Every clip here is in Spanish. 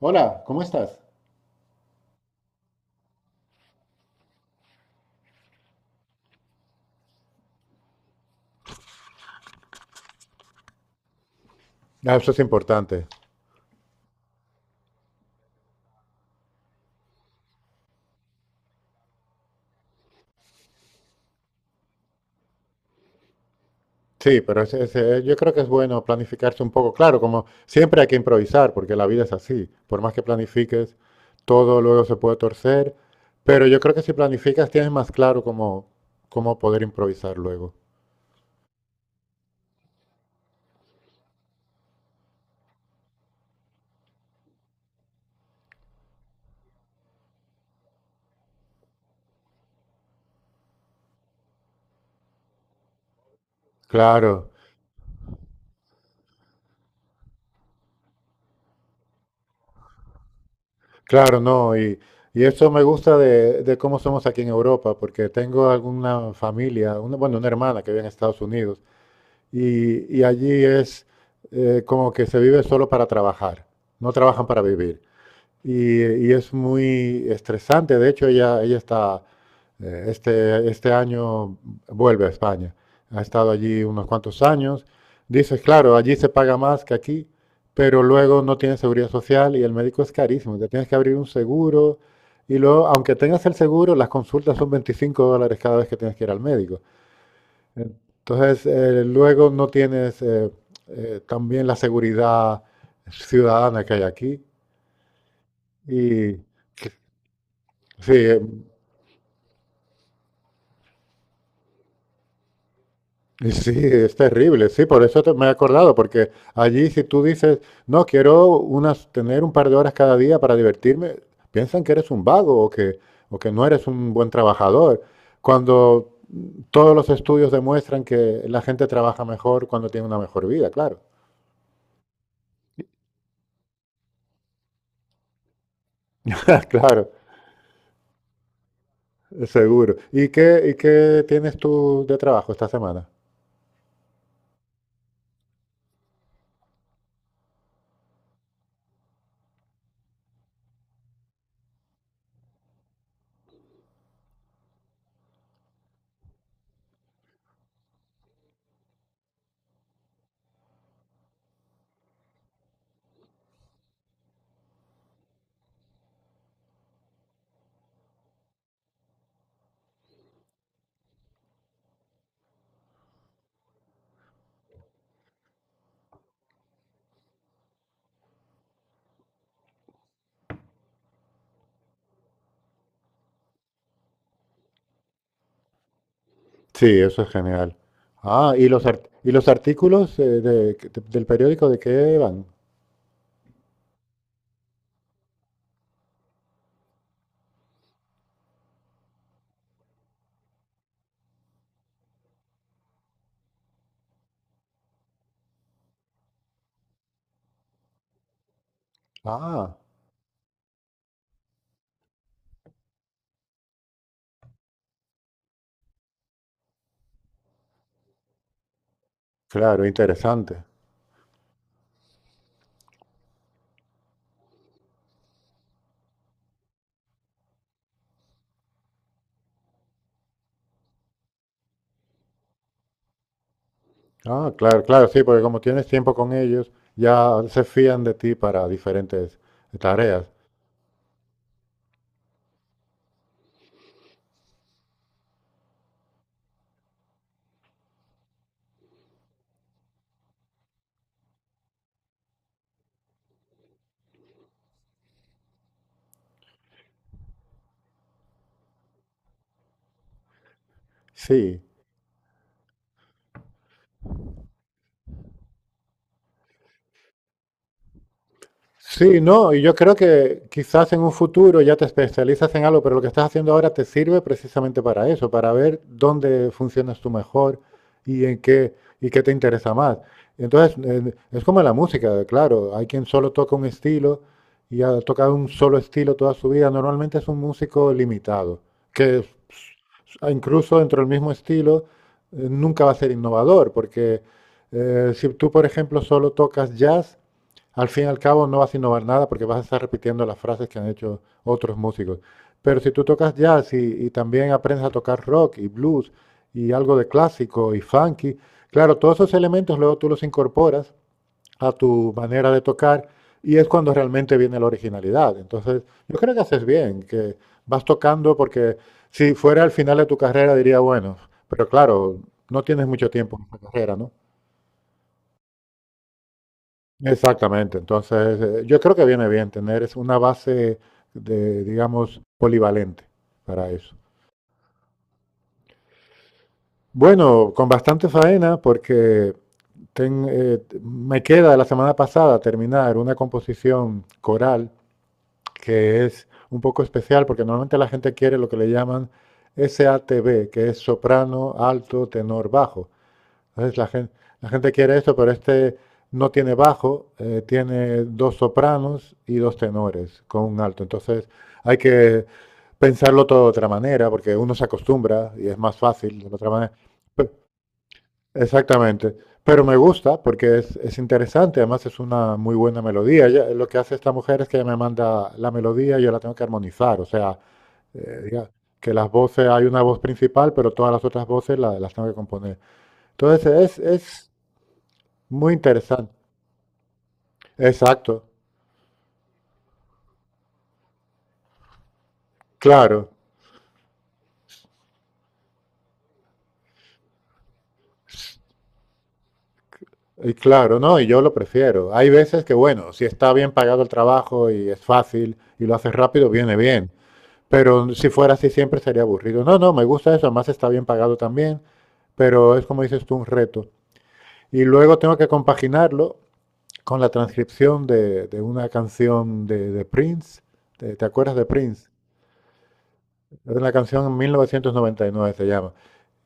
Hola, ¿cómo estás? Ah, eso es importante. Sí, pero yo creo que es bueno planificarse un poco. Claro, como siempre hay que improvisar, porque la vida es así. Por más que planifiques, todo luego se puede torcer. Pero yo creo que si planificas tienes más claro cómo, cómo poder improvisar luego. Claro, claro, no. Y eso me gusta de cómo somos aquí en Europa, porque tengo alguna familia, una, bueno, una hermana que vive en Estados Unidos. Y, y allí es, como que se vive solo para trabajar, no trabajan para vivir. Y, y es muy estresante, de hecho ella está, este año vuelve a España, ha estado allí unos cuantos años, dice, claro, allí se paga más que aquí, pero luego no tienes seguridad social y el médico es carísimo, te tienes que abrir un seguro y luego, aunque tengas el seguro, las consultas son $25 cada vez que tienes que ir al médico. Entonces, luego no tienes, también, la seguridad ciudadana que hay aquí. Y sí, eh, y sí, es terrible. Sí, por eso me he acordado, porque allí si tú dices, no, quiero unas, tener un par de horas cada día para divertirme, piensan que eres un vago o que no eres un buen trabajador. Cuando todos los estudios demuestran que la gente trabaja mejor cuando tiene una mejor vida, claro. Claro. Seguro. Y qué tienes tú de trabajo esta semana? Sí, eso es genial. Ah, ¿y los, y los artículos, del periódico, de qué van? Ah, claro, interesante. Ah, claro, claro, sí, porque como tienes tiempo con ellos, ya se fían de ti para diferentes tareas. Sí. Sí, no, y yo creo que quizás en un futuro ya te especializas en algo, pero lo que estás haciendo ahora te sirve precisamente para eso, para ver dónde funcionas tú mejor y en qué y qué te interesa más. Entonces, es como la música, claro, hay quien solo toca un estilo y ha tocado un solo estilo toda su vida. Normalmente es un músico limitado, que incluso dentro del mismo estilo, nunca va a ser innovador, porque, si tú, por ejemplo, solo tocas jazz, al fin y al cabo no vas a innovar nada porque vas a estar repitiendo las frases que han hecho otros músicos. Pero si tú tocas jazz y también aprendes a tocar rock y blues y algo de clásico y funky, claro, todos esos elementos luego tú los incorporas a tu manera de tocar y es cuando realmente viene la originalidad. Entonces, yo creo que haces bien, que vas tocando porque si fuera al final de tu carrera diría, bueno, pero claro, no tienes mucho tiempo en esta carrera, ¿no? Exactamente. Entonces, yo creo que viene bien tener es una base de, digamos, polivalente para eso. Bueno, con bastante faena porque me queda de la semana pasada terminar una composición coral que es un poco especial porque normalmente la gente quiere lo que le llaman SATB, que es soprano, alto, tenor, bajo. Entonces la gente quiere esto, pero este no tiene bajo, tiene dos sopranos y dos tenores con un alto. Entonces hay que pensarlo todo de otra manera, porque uno se acostumbra y es más fácil de otra manera. Pe- Exactamente. Pero me gusta porque es interesante, además es una muy buena melodía. Lo que hace esta mujer es que ella me manda la melodía y yo la tengo que armonizar. O sea, eh, diga- que las voces, hay una voz principal, pero todas las otras voces las tengo que componer. Entonces es muy interesante. Exacto. Claro. Y claro, no, y yo lo prefiero. Hay veces que, bueno, si está bien pagado el trabajo y es fácil y lo haces rápido, viene bien. Pero si fuera así siempre sería aburrido. No, no, me gusta eso, además está bien pagado también, pero es como dices tú, un reto. Y luego tengo que compaginarlo con la transcripción de una canción de Prince. ¿Te, te acuerdas de Prince? Es una canción, en 1999 se llama,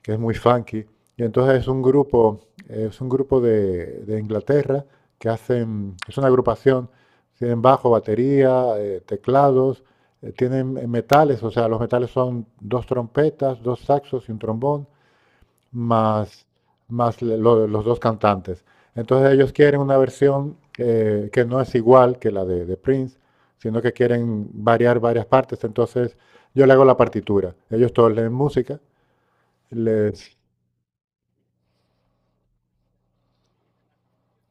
que es muy funky. Y entonces es un grupo de Inglaterra que hacen, es una agrupación, tienen bajo, batería, teclados, tienen metales, o sea, los metales son dos trompetas, dos saxos y un trombón, más, más los dos cantantes. Entonces ellos quieren una versión, que no es igual que la de Prince, sino que quieren variar varias partes. Entonces yo le hago la partitura. Ellos todos leen música, les…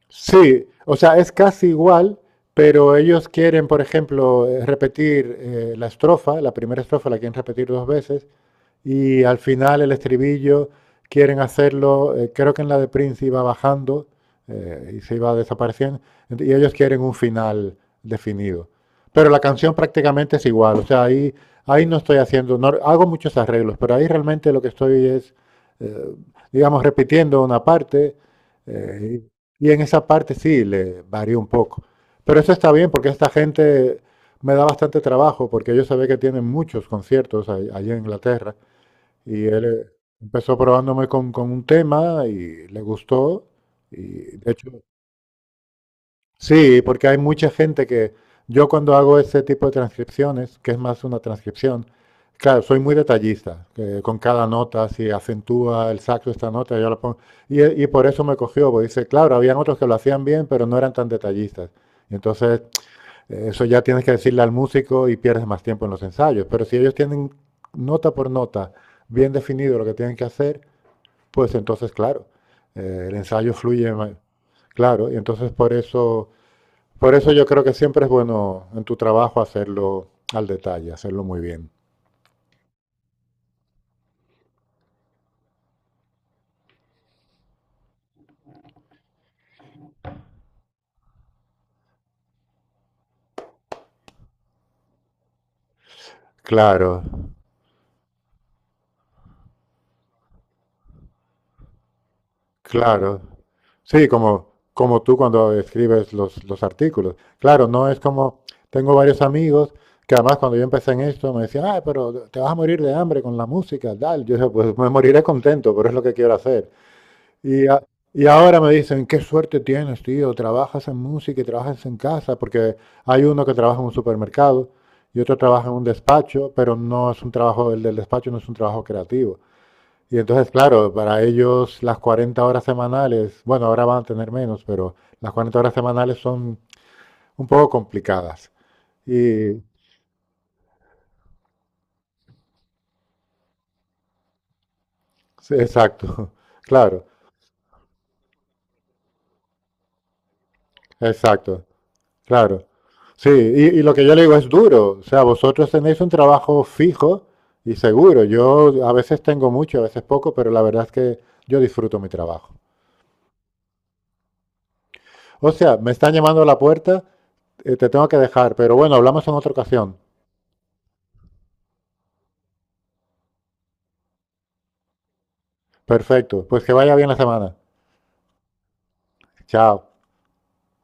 Sí, o sea, es casi igual, pero ellos quieren, por ejemplo, repetir, la estrofa, la primera estrofa la quieren repetir dos veces, y al final el estribillo quieren hacerlo, creo que en la de Prince iba bajando, y se iba desapareciendo, y ellos quieren un final definido. Pero la canción prácticamente es igual, o sea, ahí, ahí no estoy haciendo, no, hago muchos arreglos, pero ahí realmente lo que estoy es, eh, digamos, repitiendo una parte, eh, y en esa parte sí, le varío un poco. Pero eso está bien porque esta gente me da bastante trabajo porque yo sabía que tienen muchos conciertos allí en Inglaterra y él, empezó probándome con un tema y le gustó. Y de hecho, sí, porque hay mucha gente que yo cuando hago ese tipo de transcripciones, que es más una transcripción, claro, soy muy detallista, que con cada nota, si acentúa el saxo esta nota, yo la pongo. Y por eso me cogió, porque dice, claro, habían otros que lo hacían bien, pero no eran tan detallistas. Y entonces, eso ya tienes que decirle al músico y pierdes más tiempo en los ensayos. Pero si ellos tienen nota por nota bien definido lo que tienen que hacer, pues entonces, claro, el ensayo fluye más. Claro, y entonces por eso yo creo que siempre es bueno en tu trabajo hacerlo al detalle, hacerlo muy bien. Claro, claro. Sí, como, como tú cuando escribes los artículos. Claro, no es como, tengo varios amigos que además cuando yo empecé en esto me decían, ah, pero te vas a morir de hambre con la música, tal. Yo dije, pues me moriré contento, pero es lo que quiero hacer. Y, y ahora me dicen, qué suerte tienes, tío, trabajas en música y trabajas en casa, porque hay uno que trabaja en un supermercado y otro trabaja en un despacho, pero no es un trabajo, el del despacho no es un trabajo creativo. Y entonces, claro, para ellos las 40 horas semanales, bueno, ahora van a tener menos, pero las 40 horas semanales son un poco complicadas. Y, sí, exacto, claro, exacto. Claro. Sí, y lo que yo le digo es duro. O sea, vosotros tenéis un trabajo fijo y seguro. Yo a veces tengo mucho, a veces poco, pero la verdad es que yo disfruto mi trabajo. O sea, me están llamando a la puerta, te tengo que dejar, pero bueno, hablamos en otra ocasión. Perfecto, pues que vaya bien la semana. Chao.